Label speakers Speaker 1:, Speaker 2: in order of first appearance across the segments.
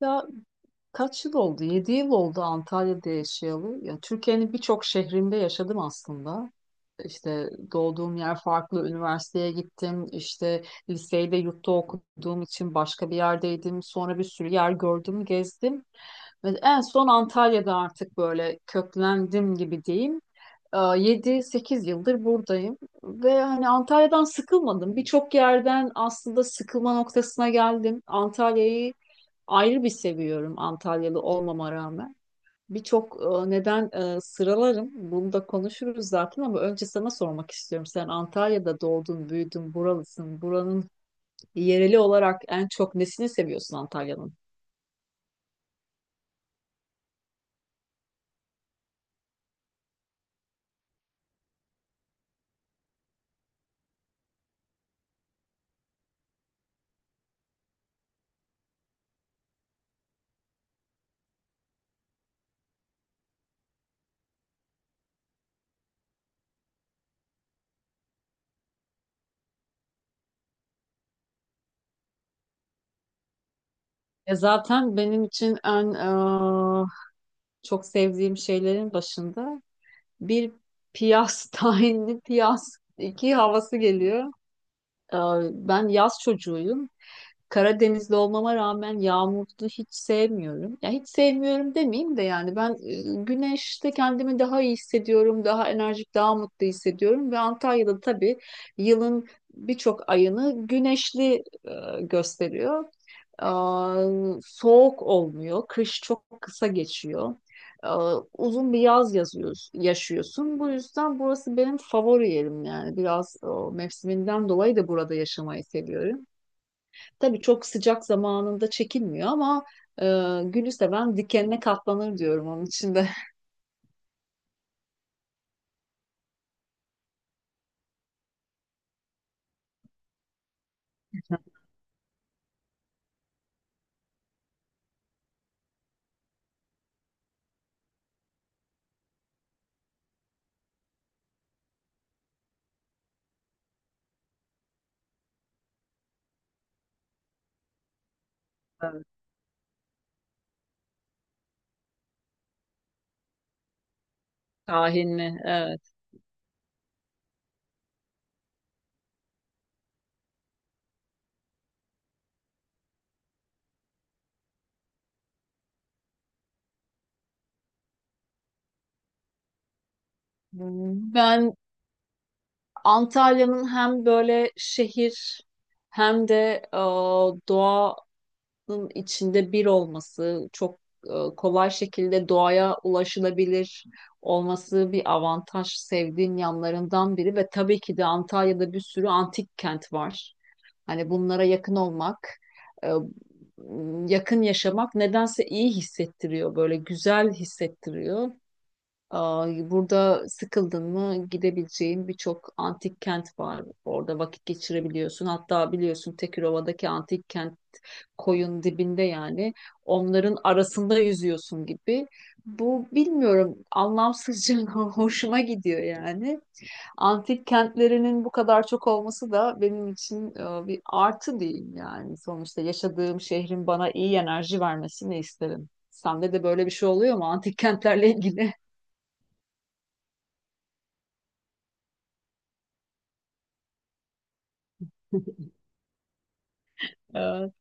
Speaker 1: Ya kaç yıl oldu? 7 yıl oldu Antalya'da yaşayalı. Ya Türkiye'nin birçok şehrinde yaşadım aslında. İşte doğduğum yer farklı, üniversiteye gittim. İşte liseyi de yurtta okuduğum için başka bir yerdeydim. Sonra bir sürü yer gördüm, gezdim. Ve en son Antalya'da artık böyle köklendim gibi diyeyim. 7-8 yıldır buradayım ve hani Antalya'dan sıkılmadım. Birçok yerden aslında sıkılma noktasına geldim. Antalya'yı ayrı bir seviyorum Antalyalı olmama rağmen. Birçok neden sıralarım. Bunu da konuşuruz zaten ama önce sana sormak istiyorum. Sen Antalya'da doğdun, büyüdün, buralısın. Buranın yereli olarak en çok nesini seviyorsun Antalya'nın? Zaten benim için en çok sevdiğim şeylerin başında bir tahinli piyas iki havası geliyor. Ee, Ben yaz çocuğuyum. Karadenizli olmama rağmen yağmurlu hiç sevmiyorum. Ya hiç sevmiyorum demeyeyim de yani ben güneşte kendimi daha iyi hissediyorum, daha enerjik, daha mutlu hissediyorum ve Antalya'da tabii yılın birçok ayını güneşli gösteriyor. Aa, Soğuk olmuyor, kış çok kısa geçiyor. Uzun bir yaz yazıyoruz, yaşıyorsun. Bu yüzden burası benim favori yerim yani. Biraz mevsiminden dolayı da burada yaşamayı seviyorum. Tabii çok sıcak zamanında çekilmiyor ama e, gülü seven dikenine katlanır diyorum onun için de. Evet. Kahin. Evet. Ben Antalya'nın hem böyle şehir hem de e, doğa, bunun içinde bir olması, çok kolay şekilde doğaya ulaşılabilir olması bir avantaj, sevdiğim yanlarından biri ve tabii ki de Antalya'da bir sürü antik kent var. Hani bunlara yakın olmak, e, yakın yaşamak nedense iyi hissettiriyor, böyle güzel hissettiriyor. Burada sıkıldın mı gidebileceğin birçok antik kent var. Orada vakit geçirebiliyorsun. Hatta biliyorsun Tekirova'daki antik kent koyun dibinde yani. Onların arasında yüzüyorsun gibi. Bu bilmiyorum anlamsızca hoşuma gidiyor yani. Antik kentlerinin bu kadar çok olması da benim için bir artı diyeyim yani. Sonuçta yaşadığım şehrin bana iyi enerji vermesini isterim. Sende de böyle bir şey oluyor mu antik kentlerle ilgili? Evet,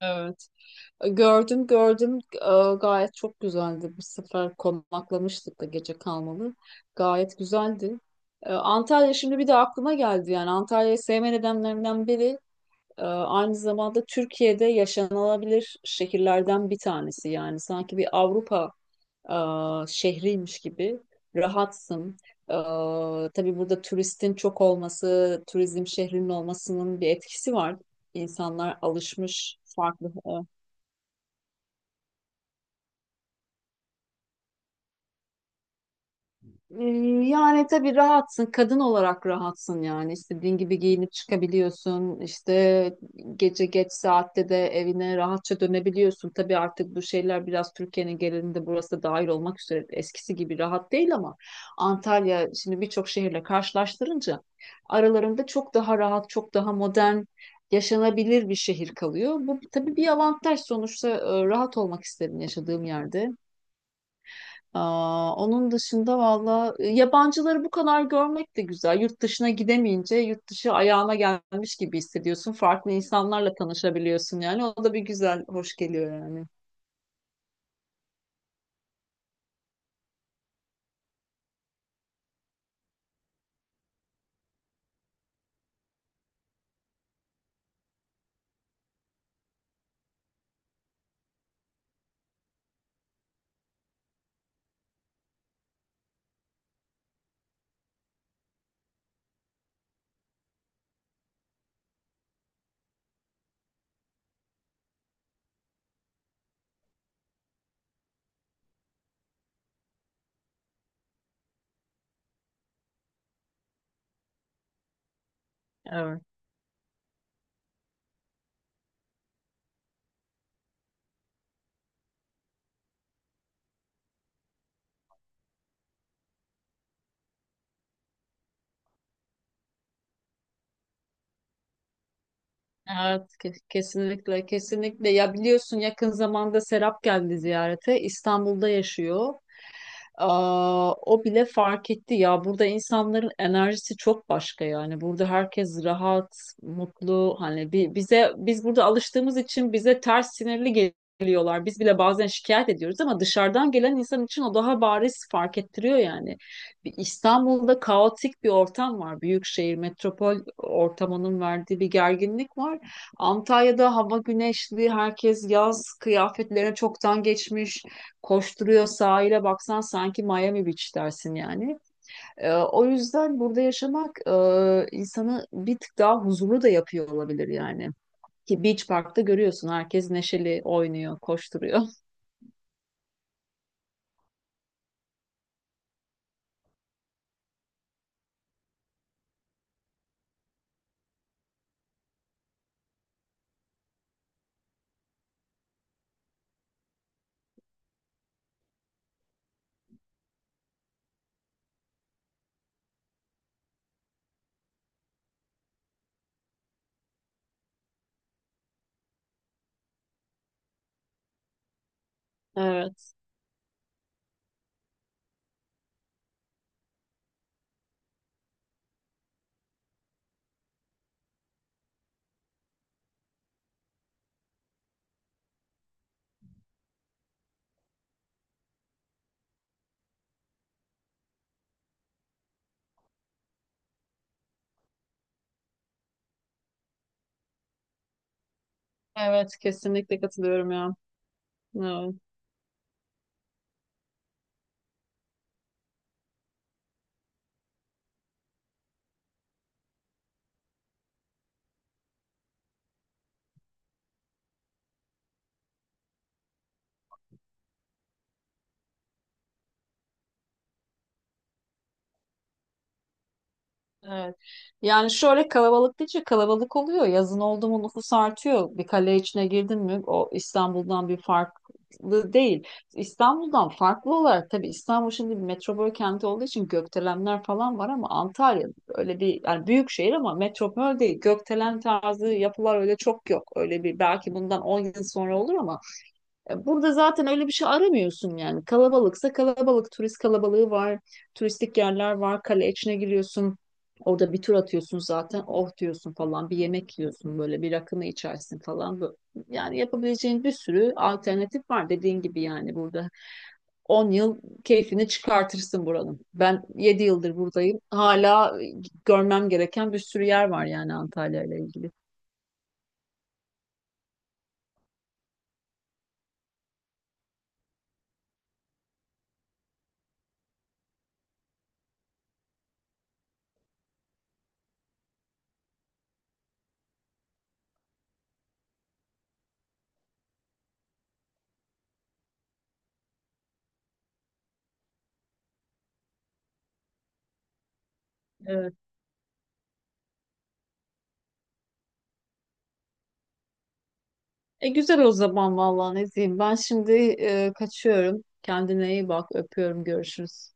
Speaker 1: evet. Gördüm, gördüm. Gayet çok güzeldi. Bu sefer konaklamıştık da gece kalmalı. Gayet güzeldi. Antalya şimdi bir de aklıma geldi. Yani Antalya'yı sevme nedenlerimden biri aynı zamanda Türkiye'de yaşanılabilir şehirlerden bir tanesi. Yani sanki bir Avrupa e, şehriymiş gibi rahatsın. E, tabii burada turistin çok olması, turizm şehrinin olmasının bir etkisi var. İnsanlar alışmış farklı. Ee, Yani tabii rahatsın, kadın olarak rahatsın yani istediğin gibi giyinip çıkabiliyorsun, işte gece geç saatte de evine rahatça dönebiliyorsun. Tabii artık bu şeyler biraz Türkiye'nin genelinde burası da dahil olmak üzere eskisi gibi rahat değil ama Antalya şimdi birçok şehirle karşılaştırınca aralarında çok daha rahat, çok daha modern, yaşanabilir bir şehir kalıyor. Bu tabii bir avantaj sonuçta, rahat olmak isterim yaşadığım yerde. Onun dışında valla yabancıları bu kadar görmek de güzel. Yurt dışına gidemeyince yurt dışı ayağına gelmiş gibi hissediyorsun. Farklı insanlarla tanışabiliyorsun yani. O da bir güzel, hoş geliyor yani. Evet. Evet, kesinlikle, kesinlikle. Ya biliyorsun yakın zamanda Serap geldi ziyarete. İstanbul'da yaşıyor. O bile fark etti ya. Burada insanların enerjisi çok başka yani. Burada herkes rahat, mutlu. Hani bize biz burada alıştığımız için bize ters sinirli geliyorlar. Biz bile bazen şikayet ediyoruz ama dışarıdan gelen insan için o daha bariz fark ettiriyor yani. Bir İstanbul'da kaotik bir ortam var. Büyük şehir, metropol ortamının verdiği bir gerginlik var. Antalya'da hava güneşli, herkes yaz kıyafetlerine çoktan geçmiş, koşturuyor, sahile baksan sanki Miami Beach dersin yani. O yüzden burada yaşamak insanı bir tık daha huzurlu da yapıyor olabilir yani. Ki Beach Park'ta görüyorsun herkes neşeli oynuyor, koşturuyor. Evet, evet, kesinlikle katılıyorum ya. Evet. Evet. Yani şöyle kalabalık deyince kalabalık oluyor. Yazın oldu mu nüfus artıyor. Bir kale içine girdin mi o İstanbul'dan bir farklı değil. İstanbul'dan farklı olarak tabii İstanbul şimdi bir metropol kenti olduğu için gökdelenler falan var ama Antalya öyle bir yani büyük şehir ama metropol değil. Gökdelen tarzı yapılar öyle çok yok. Öyle bir belki bundan 10 yıl sonra olur ama burada zaten öyle bir şey aramıyorsun yani. Kalabalıksa kalabalık, turist kalabalığı var, turistik yerler var, kale içine giriyorsun. Orada bir tur atıyorsun zaten, oh diyorsun falan, bir yemek yiyorsun böyle, bir rakını içersin falan. Yani yapabileceğin bir sürü alternatif var dediğin gibi yani burada. 10 yıl keyfini çıkartırsın buranın. Ben 7 yıldır buradayım. Hala görmem gereken bir sürü yer var yani Antalya ile ilgili. E güzel o zaman vallahi ne diyeyim. Ben şimdi kaçıyorum. Kendine iyi bak. Öpüyorum. Görüşürüz.